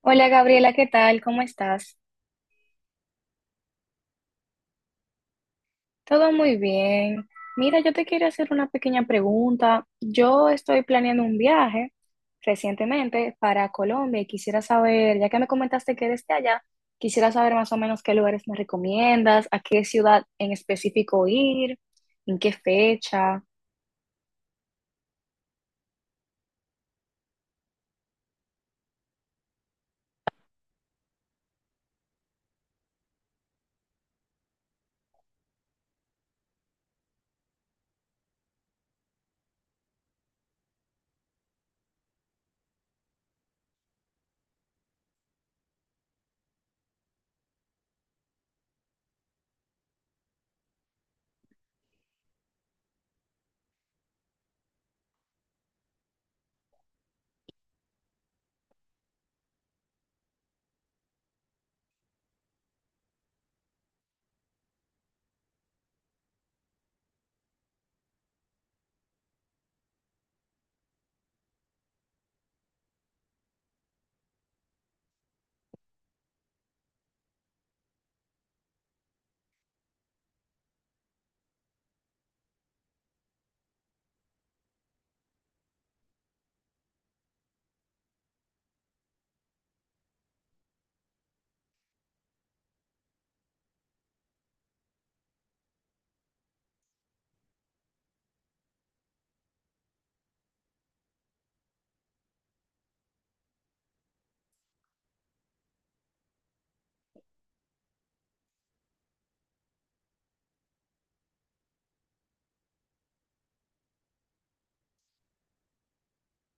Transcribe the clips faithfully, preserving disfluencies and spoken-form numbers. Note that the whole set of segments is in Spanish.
Hola Gabriela, ¿qué tal? ¿Cómo estás? Todo muy bien. Mira, yo te quiero hacer una pequeña pregunta. Yo estoy planeando un viaje recientemente para Colombia y quisiera saber, ya que me comentaste que eres de allá, quisiera saber más o menos qué lugares me recomiendas, a qué ciudad en específico ir, en qué fecha.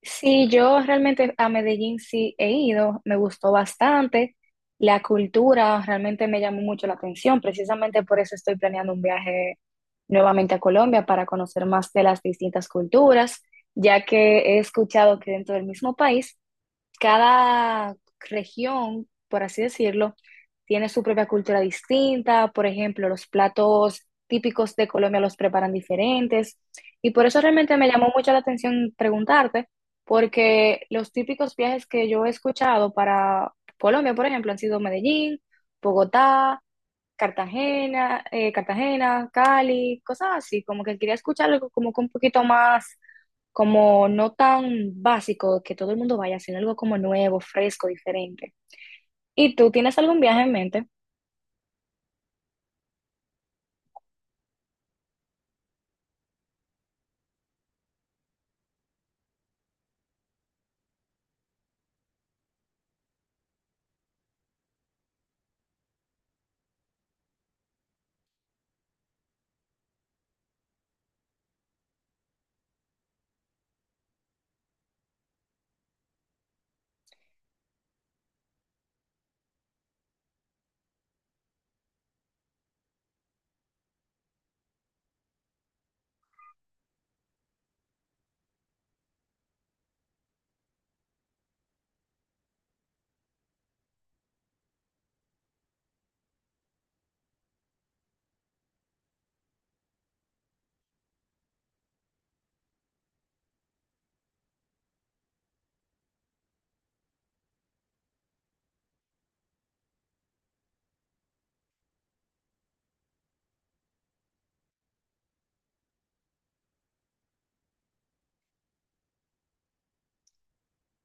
Sí, yo realmente a Medellín sí he ido, me gustó bastante. La cultura realmente me llamó mucho la atención, precisamente por eso estoy planeando un viaje nuevamente a Colombia para conocer más de las distintas culturas, ya que he escuchado que dentro del mismo país cada región, por así decirlo, tiene su propia cultura distinta. Por ejemplo, los platos típicos de Colombia los preparan diferentes. Y por eso realmente me llamó mucho la atención preguntarte, porque los típicos viajes que yo he escuchado para Colombia, por ejemplo, han sido Medellín, Bogotá, Cartagena, eh, Cartagena, Cali, cosas así, como que quería escuchar algo como que un poquito más como no tan básico que todo el mundo vaya, sino algo como nuevo, fresco, diferente. ¿Y tú tienes algún viaje en mente?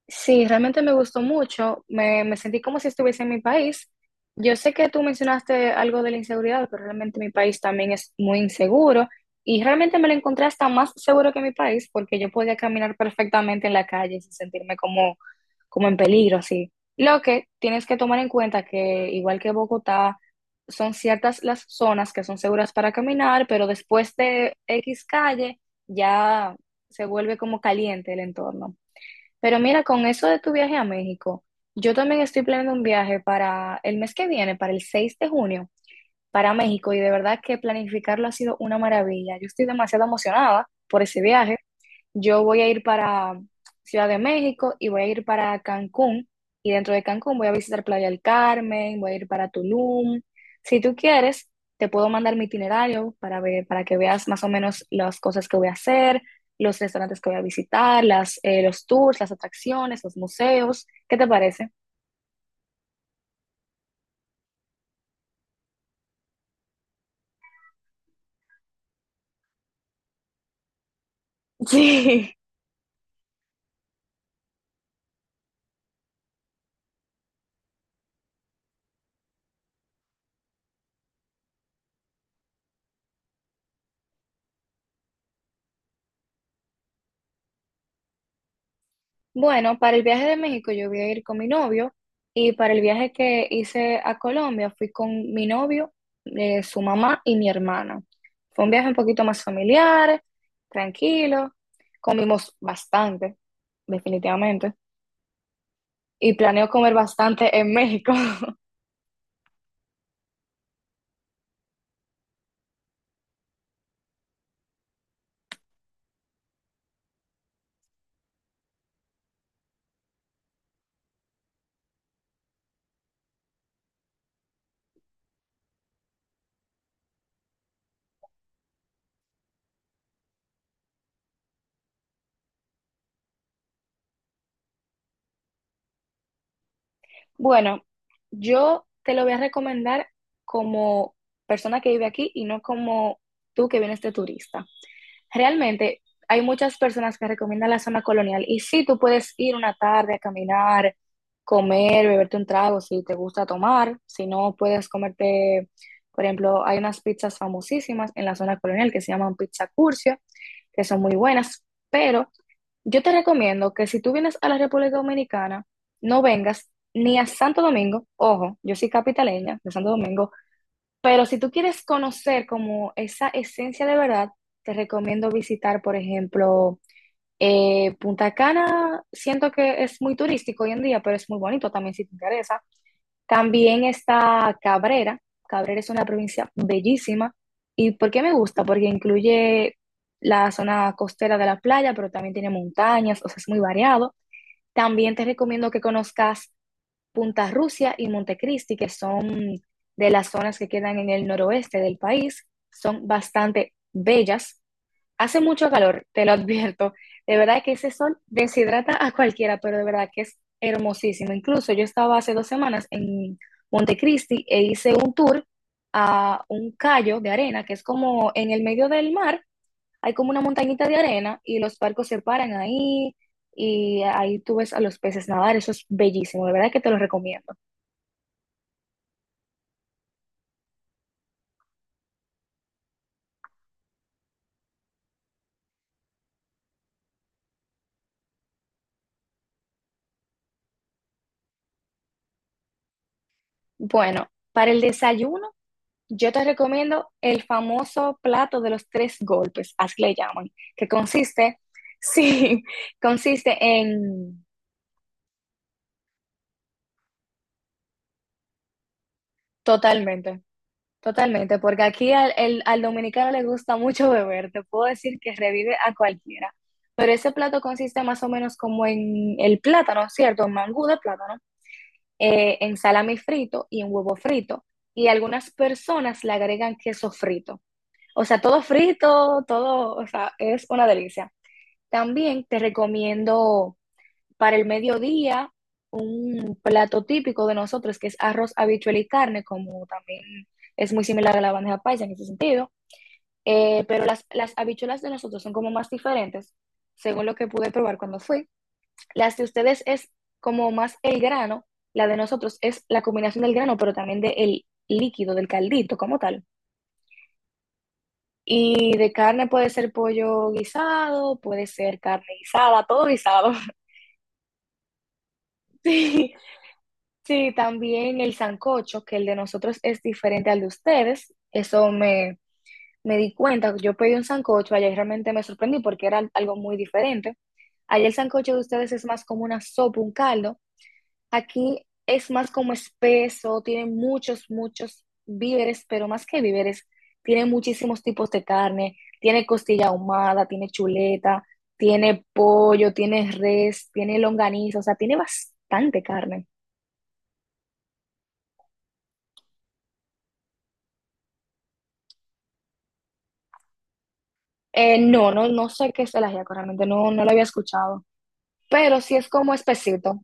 Sí, realmente me gustó mucho. Me, me sentí como si estuviese en mi país. Yo sé que tú mencionaste algo de la inseguridad, pero realmente mi país también es muy inseguro y realmente me lo encontré hasta más seguro que mi país porque yo podía caminar perfectamente en la calle sin sentirme como, como en peligro, así. Lo que tienes que tomar en cuenta que igual que Bogotá, son ciertas las zonas que son seguras para caminar, pero después de X calle ya se vuelve como caliente el entorno. Pero mira, con eso de tu viaje a México, yo también estoy planeando un viaje para el mes que viene, para el seis de junio, para México, y de verdad que planificarlo ha sido una maravilla. Yo estoy demasiado emocionada por ese viaje. Yo voy a ir para Ciudad de México y voy a ir para Cancún. Y dentro de Cancún voy a visitar Playa del Carmen, voy a ir para Tulum. Si tú quieres, te puedo mandar mi itinerario para ver, para que veas más o menos las cosas que voy a hacer, los restaurantes que voy a visitar, las, eh, los tours, las atracciones, los museos. ¿Qué te parece? Sí. Bueno, para el viaje de México yo voy a ir con mi novio y para el viaje que hice a Colombia fui con mi novio, eh, su mamá y mi hermana. Fue un viaje un poquito más familiar, tranquilo, comimos bastante, definitivamente, y planeo comer bastante en México. Bueno, yo te lo voy a recomendar como persona que vive aquí y no como tú que vienes de turista. Realmente hay muchas personas que recomiendan la zona colonial y sí, tú puedes ir una tarde a caminar, comer, beberte un trago si te gusta tomar, si no puedes comerte, por ejemplo, hay unas pizzas famosísimas en la zona colonial que se llaman pizza curcio, que son muy buenas, pero yo te recomiendo que si tú vienes a la República Dominicana, no vengas ni a Santo Domingo, ojo, yo soy capitaleña de Santo Domingo, pero si tú quieres conocer como esa esencia de verdad, te recomiendo visitar, por ejemplo, eh, Punta Cana. Siento que es muy turístico hoy en día, pero es muy bonito también si te interesa. También está Cabrera. Cabrera es una provincia bellísima. ¿Y por qué me gusta? Porque incluye la zona costera de la playa, pero también tiene montañas, o sea, es muy variado. También te recomiendo que conozcas Punta Rusia y Montecristi, que son de las zonas que quedan en el noroeste del país, son bastante bellas. Hace mucho calor, te lo advierto. De verdad que ese sol deshidrata a cualquiera, pero de verdad que es hermosísimo. Incluso yo estaba hace dos semanas en Montecristi e hice un tour a un callo de arena, que es como en el medio del mar, hay como una montañita de arena y los barcos se paran ahí y ahí tú ves a los peces nadar. Eso es bellísimo, de verdad que te lo recomiendo. Bueno, para el desayuno, yo te recomiendo el famoso plato de los tres golpes, así le llaman, que consiste, sí, consiste en totalmente, totalmente, porque aquí al, el- al dominicano le gusta mucho beber, te puedo decir que revive a cualquiera, pero ese plato consiste más o menos como en el plátano, ¿cierto? Un mangú de plátano, eh, en salami frito y en huevo frito, y algunas personas le agregan queso frito. O sea, todo frito, todo, o sea, es una delicia. También te recomiendo para el mediodía un plato típico de nosotros que es arroz, habichuela y carne, como también es muy similar a la bandeja paisa en ese sentido. Eh, pero las, las habichuelas de nosotros son como más diferentes, según lo que pude probar cuando fui. Las de ustedes es como más el grano, la de nosotros es la combinación del grano, pero también del líquido, del caldito como tal. Y de carne puede ser pollo guisado, puede ser carne guisada, todo guisado. Sí, sí, también el sancocho, que el de nosotros es diferente al de ustedes. Eso me, me di cuenta. Yo pedí un sancocho allá y realmente me sorprendí porque era algo muy diferente. Allá el sancocho de ustedes es más como una sopa, un caldo. Aquí es más como espeso, tiene muchos, muchos víveres, pero más que víveres, tiene muchísimos tipos de carne, tiene costilla ahumada, tiene chuleta, tiene pollo, tiene res, tiene longaniza, o sea, tiene bastante carne. Eh, no, no, no sé qué es el ajiaco, realmente no, no lo había escuchado, pero sí es como espesito.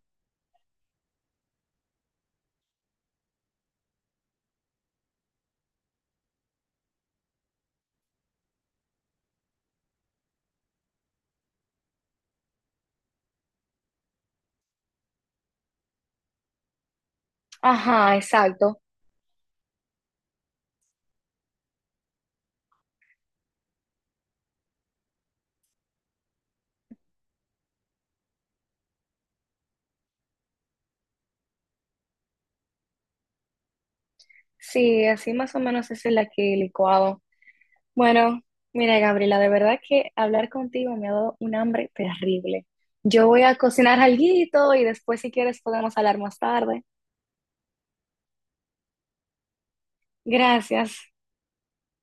Ajá, exacto. Sí, así más o menos es el aquí licuado. Bueno, mira, Gabriela, de verdad que hablar contigo me ha dado un hambre terrible. Yo voy a cocinar alguito y después, si quieres, podemos hablar más tarde. Gracias.